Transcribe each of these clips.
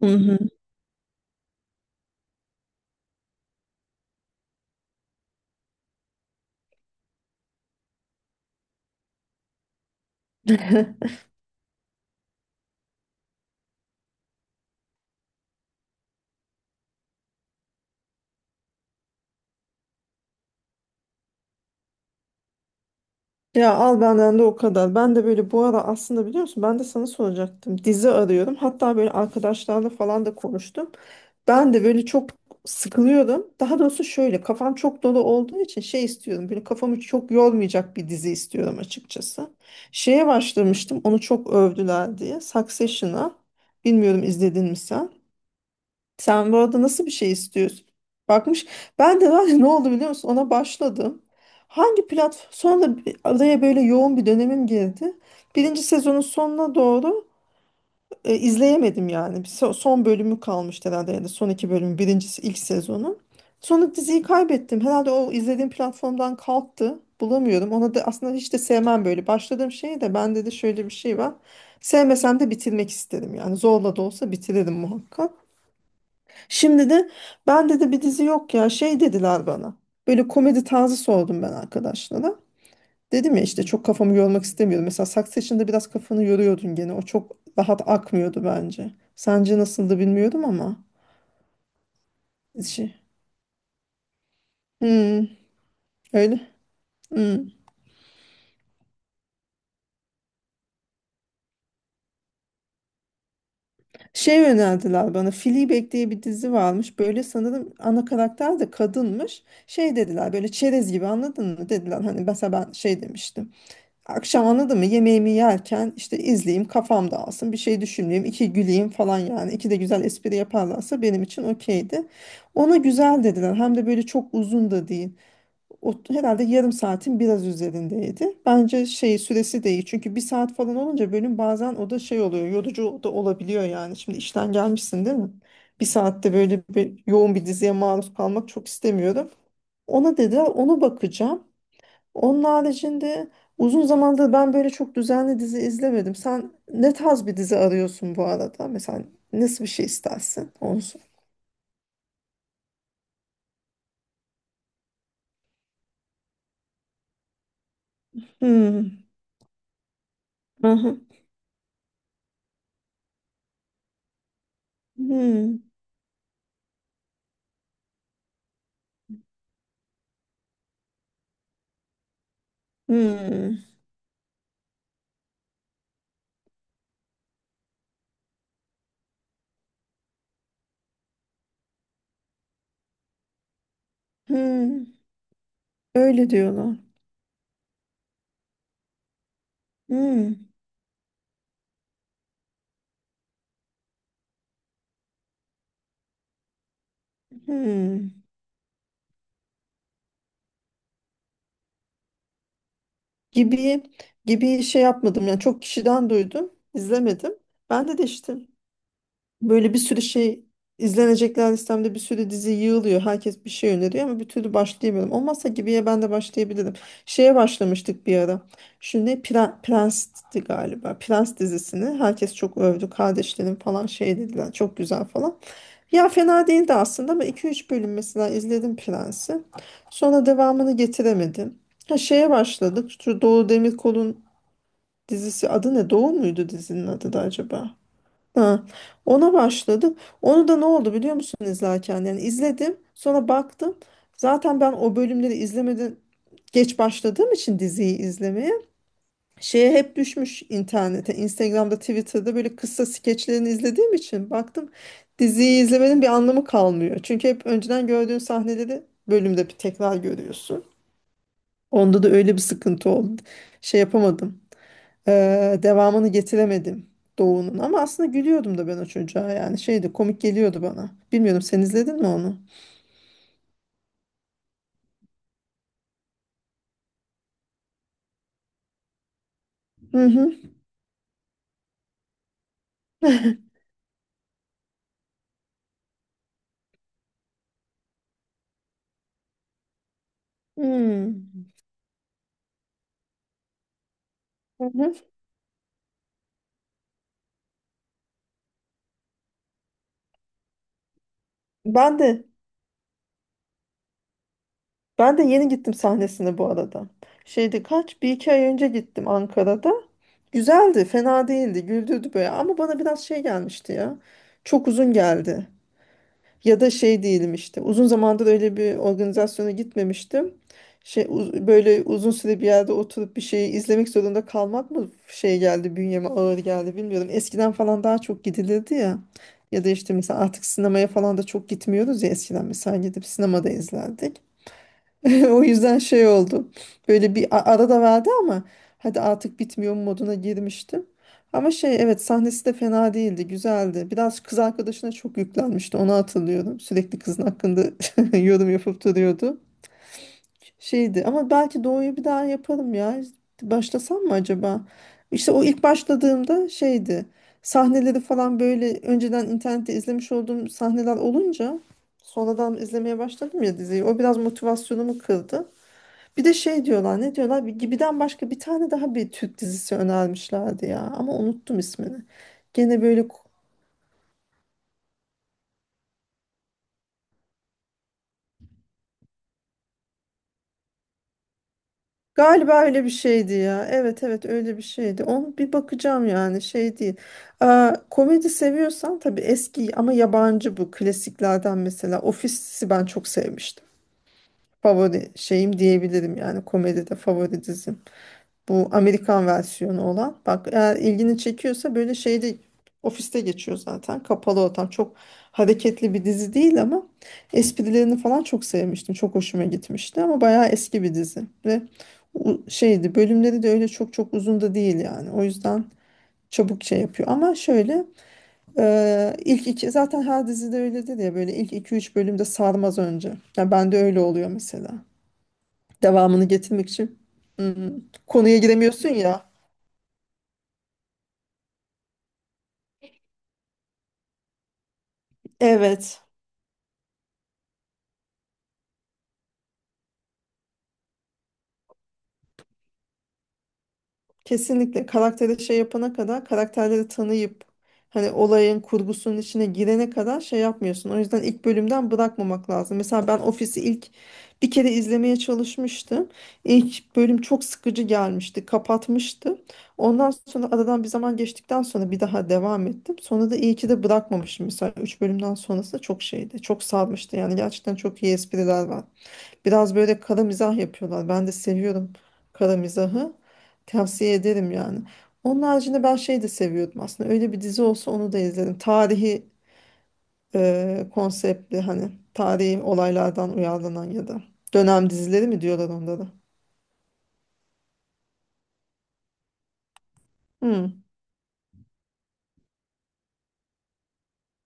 Hı hı. Ya al benden de o kadar. Ben de böyle bu ara aslında biliyor musun ben de sana soracaktım. Dizi arıyorum. Hatta böyle arkadaşlarla falan da konuştum. Ben de böyle çok sıkılıyorum. Daha doğrusu şöyle kafam çok dolu olduğu için şey istiyorum. Böyle kafamı çok yormayacak bir dizi istiyorum açıkçası. Şeye başlamıştım. Onu çok övdüler diye. Succession'a. Bilmiyorum izledin mi sen? Sen bu arada nasıl bir şey istiyorsun? Bakmış. Ben de var ya ne oldu biliyor musun? Ona başladım. Hangi platform? Sonra araya böyle yoğun bir dönemim girdi. Birinci sezonun sonuna doğru izleyemedim yani. Bir son bölümü kalmıştı herhalde ya da son iki bölümü. Birincisi ilk sezonu. Sonra diziyi kaybettim. Herhalde o izlediğim platformdan kalktı. Bulamıyorum. Ona da aslında hiç de sevmem böyle. Başladığım şey de bende de şöyle bir şey var. Sevmesem de bitirmek isterim yani. Zorla da olsa bitiririm muhakkak. Şimdi de ben dedi bir dizi yok ya şey dediler bana. Böyle komedi tarzı sordum ben arkadaşlara. Dedim ya işte çok kafamı yormak istemiyorum. Mesela Succession'da biraz kafanı yoruyordun gene. O çok rahat akmıyordu bence. Sence nasıldı bilmiyorum ama. Şey. Hmm, öyle. Hmm. Şey önerdiler bana. Fleabag diye bir dizi varmış. Böyle sanırım ana karakter de kadınmış. Şey dediler böyle çerez gibi anladın mı? Dediler hani mesela ben şey demiştim. Akşam anladın mı? Yemeğimi yerken işte izleyeyim, kafam dağılsın, bir şey düşünmeyeyim, iki güleyim falan yani. İki de güzel espri yaparlarsa benim için okeydi. Ona güzel dediler. Hem de böyle çok uzun da değil. O, herhalde yarım saatin biraz üzerindeydi. Bence şey süresi de iyi. Çünkü bir saat falan olunca bölüm bazen o da şey oluyor. Yorucu da olabiliyor yani. Şimdi işten gelmişsin değil mi? Bir saatte böyle bir, yoğun bir diziye maruz kalmak çok istemiyorum. Ona dediler, onu bakacağım. Onun haricinde uzun zamandır ben böyle çok düzenli dizi izlemedim. Sen ne tarz bir dizi arıyorsun bu arada? Mesela nasıl bir şey istersin? Olsun. Hmm. Aha. Hmm. Hmm. Hmm. Öyle diyorlar. Hmm. Hmm. Gibi gibi şey yapmadım. Yani çok kişiden duydum. İzlemedim. Ben de değiştim. Böyle bir sürü şey izlenecekler listemde bir sürü dizi yığılıyor. Herkes bir şey öneriyor ama bir türlü başlayamıyorum. Olmazsa Gibi'ye ben de başlayabilirim. Şeye başlamıştık bir ara. Şimdi ne Prens'ti galiba. Prens dizisini herkes çok övdü. Kardeşlerim falan şey dediler. Çok güzel falan. Ya fena değildi aslında ama iki üç bölüm mesela izledim Prens'i. Sonra devamını getiremedim. Ha şeye başladık. Şu Doğu Demirkol'un dizisi adı ne? Doğu muydu dizinin adı da acaba? Ha, ona başladım. Onu da ne oldu biliyor musun izlerken? Yani izledim, sonra baktım. Zaten ben o bölümleri izlemeden geç başladığım için diziyi izlemeye şeye hep düşmüş internete, Instagram'da, Twitter'da böyle kısa skeçlerini izlediğim için baktım diziyi izlemenin bir anlamı kalmıyor. Çünkü hep önceden gördüğün sahneleri bölümde bir tekrar görüyorsun. Onda da öyle bir sıkıntı oldu. Şey yapamadım. Devamını getiremedim Doğu'nun ama aslında gülüyordum da ben o çocuğa yani şeydi komik geliyordu bana. Bilmiyorum sen izledin mi onu? Hı hı. Hmm. Hı hı. Ben de Ben de yeni gittim sahnesine bu arada. Şeydi kaç bir iki ay önce gittim Ankara'da. Güzeldi, fena değildi, güldürdü böyle ama bana biraz şey gelmişti ya. Çok uzun geldi. Ya da şey değilim işte. Uzun zamandır öyle bir organizasyona gitmemiştim. Şey böyle uzun süre bir yerde oturup bir şeyi izlemek zorunda kalmak mı şey geldi bünyeme ağır geldi bilmiyorum. Eskiden falan daha çok gidilirdi ya. Ya da işte mesela artık sinemaya falan da çok gitmiyoruz ya eskiden mesela gidip sinemada izlerdik. O yüzden şey oldu. Böyle bir ara da verdi ama hadi artık bitmiyor moduna girmiştim. Ama şey evet sahnesi de fena değildi, güzeldi. Biraz kız arkadaşına çok yüklenmişti, onu hatırlıyorum. Sürekli kızın hakkında yorum yapıp duruyordu. Şeydi ama belki Doğu'yu bir daha yaparım ya. Başlasam mı acaba? İşte o ilk başladığımda şeydi. Sahneleri falan böyle önceden internette izlemiş olduğum sahneler olunca sonradan izlemeye başladım ya diziyi. O biraz motivasyonumu kırdı. Bir de şey diyorlar ne diyorlar bir Gibi'den başka bir tane daha bir Türk dizisi önermişlerdi ya ama unuttum ismini. Gene böyle galiba öyle bir şeydi ya evet evet öyle bir şeydi onu bir bakacağım yani şey değil. Aa, komedi seviyorsan tabii eski ama yabancı bu klasiklerden mesela Office'i ben çok sevmiştim. Favori şeyim diyebilirim yani komedide favori dizim. Bu Amerikan versiyonu olan. Bak eğer ilgini çekiyorsa böyle şeyde ofiste geçiyor zaten. Kapalı ortam. Çok hareketli bir dizi değil ama esprilerini falan çok sevmiştim. Çok hoşuma gitmişti ama bayağı eski bir dizi. Ve şeydi bölümleri de öyle çok çok uzun da değil yani. O yüzden çabuk şey yapıyor. Ama şöyle ilk iki zaten her dizide öyledir ya böyle ilk iki üç bölümde sarmaz önce. Yani bende öyle oluyor mesela. Devamını getirmek için. Hmm, konuya giremiyorsun ya. Evet, kesinlikle karakteri şey yapana kadar karakterleri tanıyıp hani olayın kurgusunun içine girene kadar şey yapmıyorsun. O yüzden ilk bölümden bırakmamak lazım. Mesela ben Office'i ilk bir kere izlemeye çalışmıştım. İlk bölüm çok sıkıcı gelmişti, kapatmıştım. Ondan sonra aradan bir zaman geçtikten sonra bir daha devam ettim. Sonra da iyi ki de bırakmamışım. Mesela 3 bölümden sonrası çok şeydi, çok sarmıştı. Yani gerçekten çok iyi espriler var. Biraz böyle kara mizah yapıyorlar. Ben de seviyorum kara mizahı. Tavsiye ederim yani. Onun haricinde ben şey de seviyordum aslında. Öyle bir dizi olsa onu da izlerim. Tarihi konseptli hani tarihi olaylardan uyarlanan ya da dönem dizileri mi diyorlar onlara? Hmm.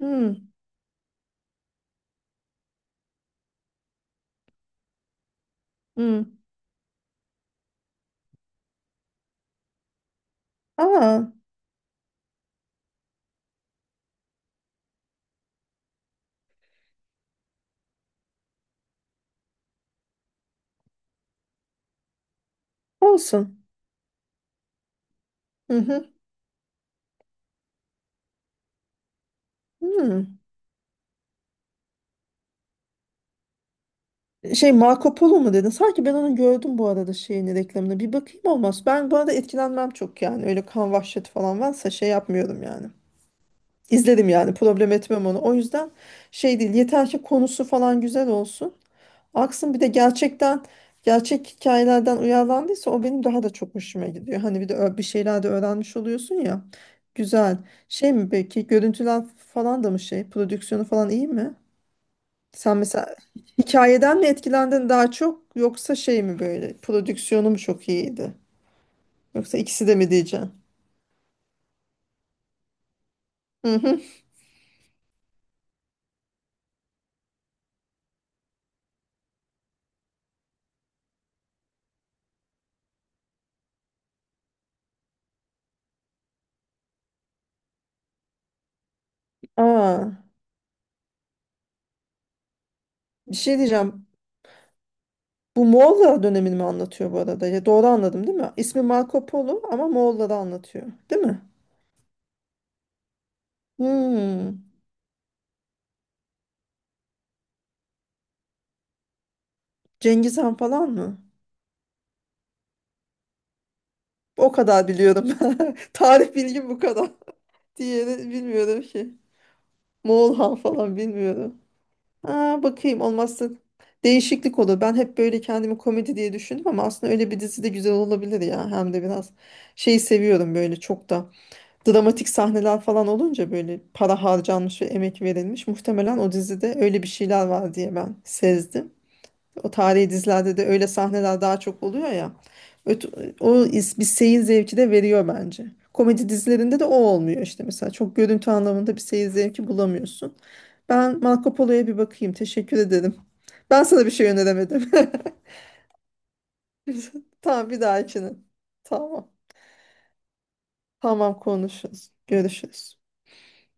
Hmm. Hmm. Aa, olsun. Hı hı. Hmm. Şey Marco Polo mu dedin? Sanki ben onu gördüm bu arada şeyini reklamını. Bir bakayım olmaz. Ben bu arada etkilenmem çok yani. Öyle kan vahşeti falan varsa şey yapmıyorum yani. İzledim yani problem etmem onu. O yüzden şey değil yeter ki konusu falan güzel olsun. Aksın bir de gerçekten gerçek hikayelerden uyarlandıysa o benim daha da çok hoşuma gidiyor. Hani bir de bir şeyler de öğrenmiş oluyorsun ya. Güzel. Şey mi peki görüntüler falan da mı şey prodüksiyonu falan iyi mi? Sen mesela hikayeden mi etkilendin daha çok yoksa şey mi böyle prodüksiyonu mu çok iyiydi? Yoksa ikisi de mi diyeceğim? Hı hı. Aa, bir şey diyeceğim. Bu Moğollar dönemini mi anlatıyor bu arada? Ya doğru anladım değil mi? İsmi Marco Polo ama Moğolları anlatıyor. Değil mi? Hmm. Cengiz Han falan mı? O kadar biliyorum. Tarih bilgim bu kadar. Diğeri bilmiyorum ki. Moğol Han falan bilmiyorum. Aa, bakayım olmazsa değişiklik olur. Ben hep böyle kendimi komedi diye düşündüm ama aslında öyle bir dizi de güzel olabilir ya. Hem de biraz şey seviyorum böyle çok da. Dramatik sahneler falan olunca böyle para harcanmış ve emek verilmiş. Muhtemelen o dizide öyle bir şeyler var diye ben sezdim. O tarihi dizilerde de öyle sahneler daha çok oluyor ya. Öt- Bir seyir zevki de veriyor bence. Komedi dizilerinde de o olmuyor işte mesela. Çok görüntü anlamında bir seyir zevki bulamıyorsun. Ben Marco Polo'ya bir bakayım. Teşekkür ederim. Ben sana bir şey öneremedim. Tamam bir dahakine. Tamam. Tamam konuşuruz. Görüşürüz.